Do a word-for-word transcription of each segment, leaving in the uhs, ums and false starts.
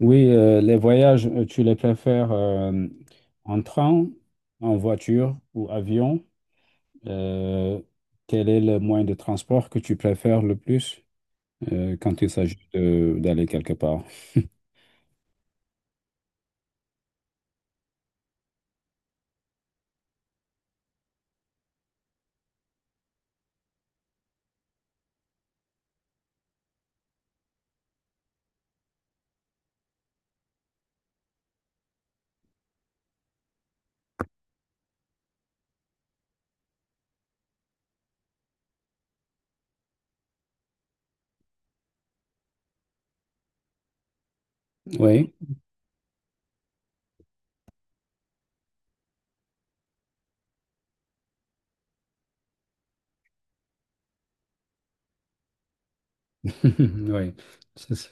Oui, euh, les voyages, euh, tu les préfères euh, en train, en voiture ou avion? Euh, Quel est le moyen de transport que tu préfères le plus euh, quand il s'agit de- d'aller quelque part? Oui, oui. c'est ça.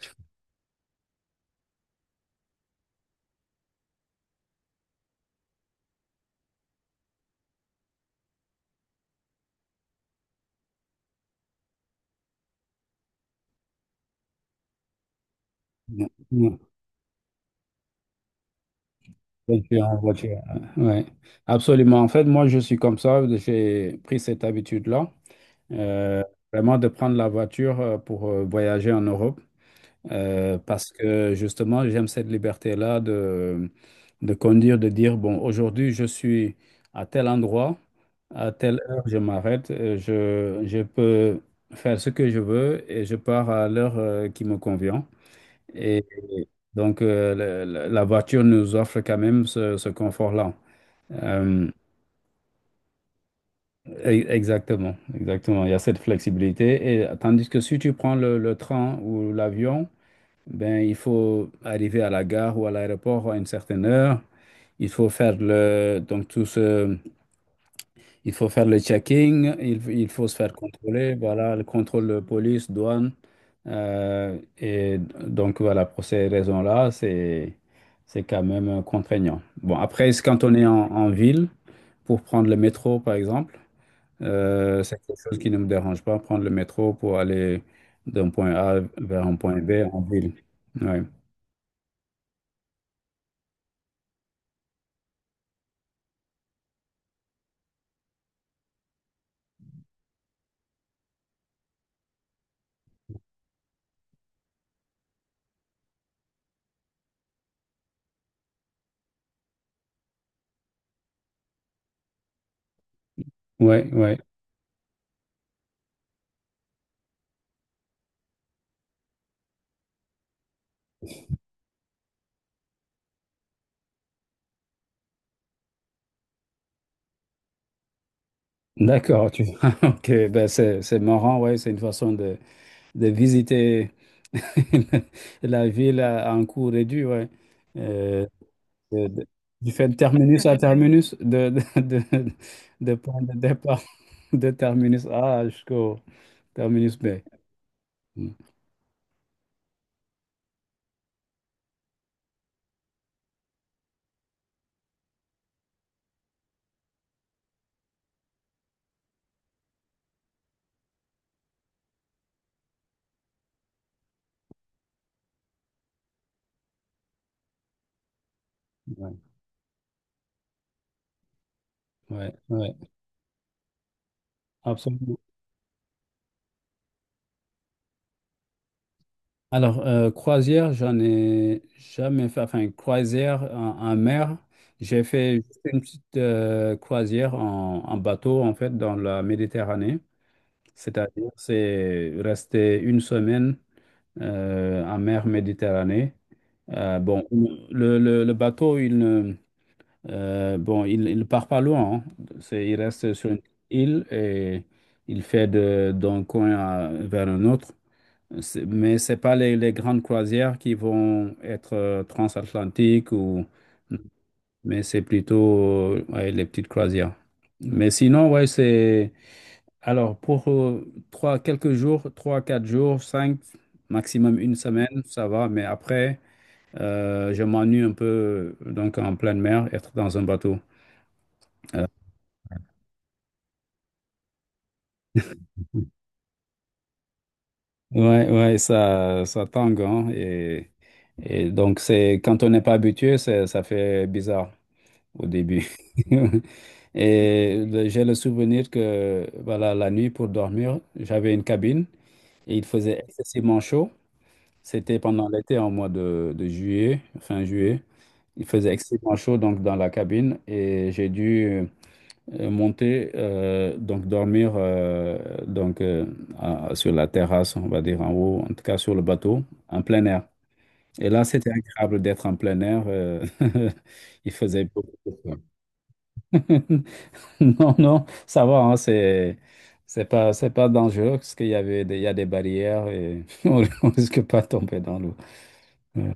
Non, non, voiture, en voiture, euh, ouais. Absolument. En fait, moi, je suis comme ça. J'ai pris cette habitude-là, euh, vraiment de prendre la voiture euh, pour euh, voyager en Europe. Euh, parce que justement, j'aime cette liberté-là de, de conduire, de dire, bon, aujourd'hui, je suis à tel endroit, à telle heure, je m'arrête, euh, je, je peux faire ce que je veux et je pars à l'heure euh, qui me convient. Et donc, euh, la, la- la voiture nous offre quand même ce, ce confort-là. Euh, e- exactement, Exactement. Il y a cette flexibilité. Et tandis que si tu prends le, le train ou l'avion, ben, il faut arriver à la gare ou à l'aéroport à une certaine heure. Il faut faire le, donc tout ce, il faut faire le checking. Il, il faut se faire contrôler. Voilà, le contrôle de police, douane. Euh, et donc voilà, pour ces raisons-là, c'est, c'est quand même contraignant. Bon, après, c'est quand on est en, en ville, pour prendre le métro, par exemple, euh, c'est quelque chose qui ne me dérange pas, prendre le métro pour aller d'un point A vers un point B en ville. Ouais. Oui, oui. D'accord, tu... Ok, ben c'est c'est marrant, ouais, c'est une façon de, de visiter la ville à, à un coût réduit, ouais. Euh, de- de- du fait de terminus à terminus, de, de, de, de point de départ de terminus A jusqu'au terminus B. Mm. Ouais, ouais, ouais, absolument. Alors, euh, croisière, j'en ai jamais fait. Enfin, croisière en, en mer, j'ai fait juste une petite euh, croisière en, en bateau, en fait, dans la Méditerranée. C'est-à-dire, c'est rester une semaine euh, en mer Méditerranée. Euh, bon, le, le- le bateau, il ne euh, bon, il, il part pas loin, hein. C'est, il reste sur une île et il fait de- d'un coin à- vers un autre. C'est- Mais ce n'est pas les, les grandes croisières qui vont être euh, transatlantiques ou mais c'est plutôt euh, ouais, les petites croisières. Mais sinon, ouais, c'est alors pour euh, trois, quelques jours, trois, quatre jours, cinq, maximum une semaine, ça va. Mais après, euh, je m'ennuie un peu donc en pleine mer, être dans un bateau. Euh, ouais, ouais, ça, ça tangue, hein, et, et donc c'est quand on n'est pas habitué, c'est- ça fait bizarre. au début. Et le- j'ai le souvenir que voilà, la nuit pour dormir, j'avais une cabine et il faisait excessivement chaud. C'était pendant l'été, en mois de, de juillet, fin juillet. Il faisait excessivement chaud donc dans la cabine et j'ai dû euh, monter euh, donc dormir euh, donc euh, à- sur la terrasse, on va dire en haut, en tout cas sur le bateau, en plein air. Et là, c'était agréable d'être en plein air. euh, il faisait beaucoup de froid. Non, non, ça va, hein, c'est, c'est pas, c'est pas dangereux parce qu'il y avait des, il y a des barrières et on on risque pas de tomber dans l'eau. Ouais,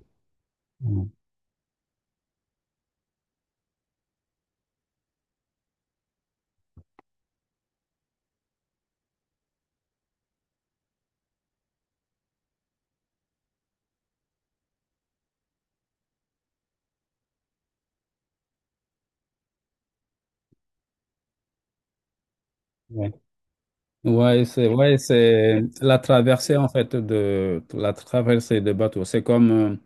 ouais. Ouais, c'est, ouais, c'est la traversée en fait de, la traversée de bateau. C'est comme euh,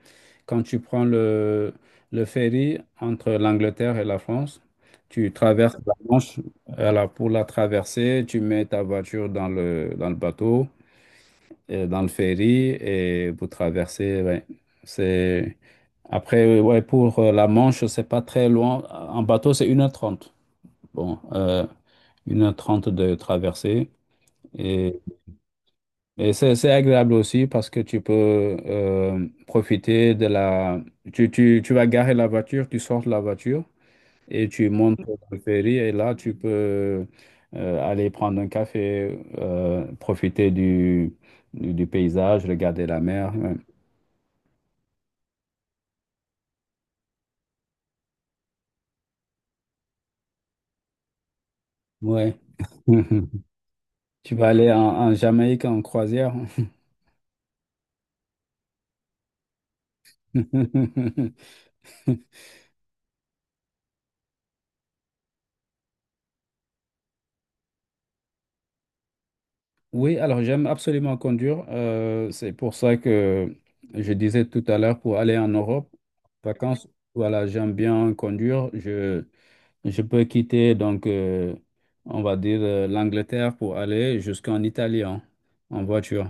quand tu prends le, le ferry entre l'Angleterre et la France, tu traverses la Manche. Alors pour la traverser, tu mets ta voiture dans le, dans le bateau. Euh, dans le ferry et vous traversez. Ouais. C'est... Après, ouais, pour euh, la Manche, c'est pas très loin. En bateau, c'est une heure trente. Bon, euh, une heure trente de traversée. Et, et c'est c'est agréable aussi parce que tu peux euh, profiter de la... Tu, tu, tu vas garer la voiture, tu sors de la voiture et tu montes dans le ferry et là, tu peux euh, aller prendre un café, euh, profiter du, du, du paysage, regarder la mer. Ouais. Ouais. Tu vas aller en, en Jamaïque en croisière. Oui, alors j'aime absolument conduire. Euh, c'est pour ça que je disais tout à l'heure pour aller en Europe, vacances, voilà, j'aime bien conduire. Je, je peux quitter, donc, euh, on va dire, euh, l'Angleterre pour aller jusqu'en Italie, hein, en voiture.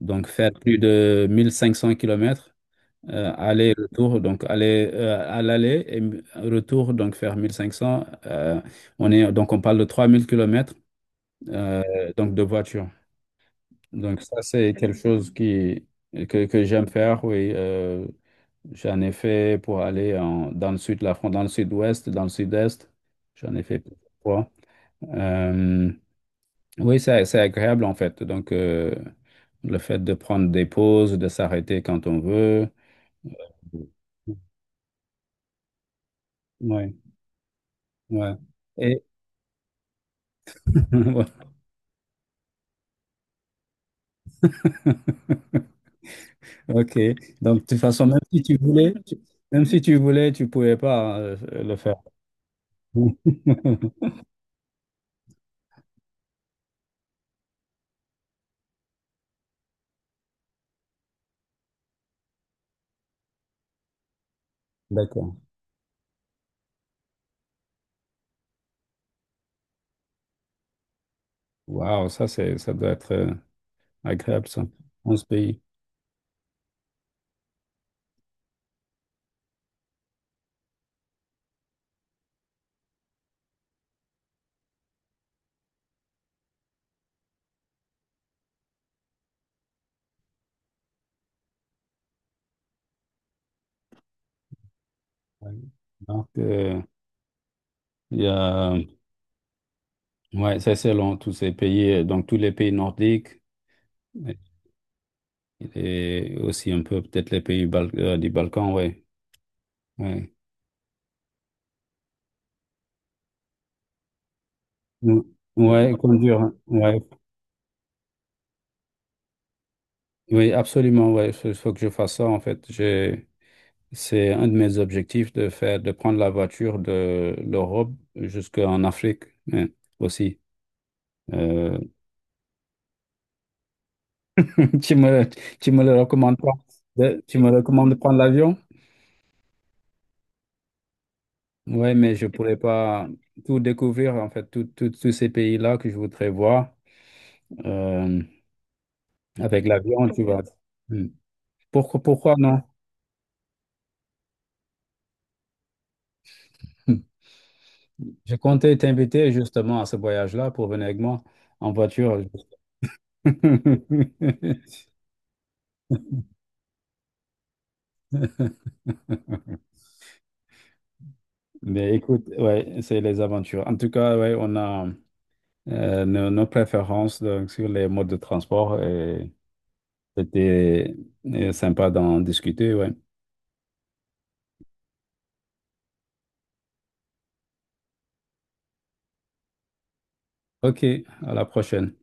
Donc, faire plus de mille cinq cents kilomètres. Euh, aller retour, donc aller euh, à l'aller et m- retour, donc faire mille cinq cents. Euh, on est, donc on parle de trois mille kilomètres euh, donc de voiture. Donc ça, c'est quelque chose qui, que, que j'aime faire, oui. Euh, j'en ai fait pour aller en- dans le sud de la France, dans le sud-ouest, dans le sud-est. J'en ai fait plusieurs fois. Euh, oui, c'est, c'est agréable en fait. Donc euh, le fait de prendre des pauses, de s'arrêter quand on veut. Oui, ouais. Ouais. Ok. Donc, de toute façon, même si tu voulais, tu- même si tu voulais, tu pouvais pas euh, le faire. D'accord. Waouh, ça c'est, ça doit être euh, agréable, ça. onze pays. Ouais. Donc, euh, il y a, ouais, ça c'est long, tous ces pays, euh, donc tous les pays nordiques. Et aussi un peu peut-être les pays Bal- euh, du Balkan, ouais. Ouais. Mm. ouais, conduire, hein. Ouais. Oui, absolument, ouais. Il faut que je fasse ça, en fait. J'ai... C'est un de mes objectifs de faire, de prendre la voiture de l'Europe jusqu'en Afrique, hein, aussi. Euh, tu me, tu me le recommandes pas? de- Tu me recommandes de prendre l'avion? Oui, mais je pourrais pas tout découvrir, en fait, tout- tout- tous ces pays-là que je voudrais voir euh, avec l'avion, tu vois. Hmm. Pourquoi, pourquoi non? Hmm. Je comptais t'inviter justement à ce voyage-là pour venir avec moi en voiture. Mais écoute, ouais, c'est les aventures. En tout cas, ouais, on a euh, nos, nos préférences donc, sur les modes de transport et c'était euh, sympa d'en discuter, ouais. OK, à la prochaine.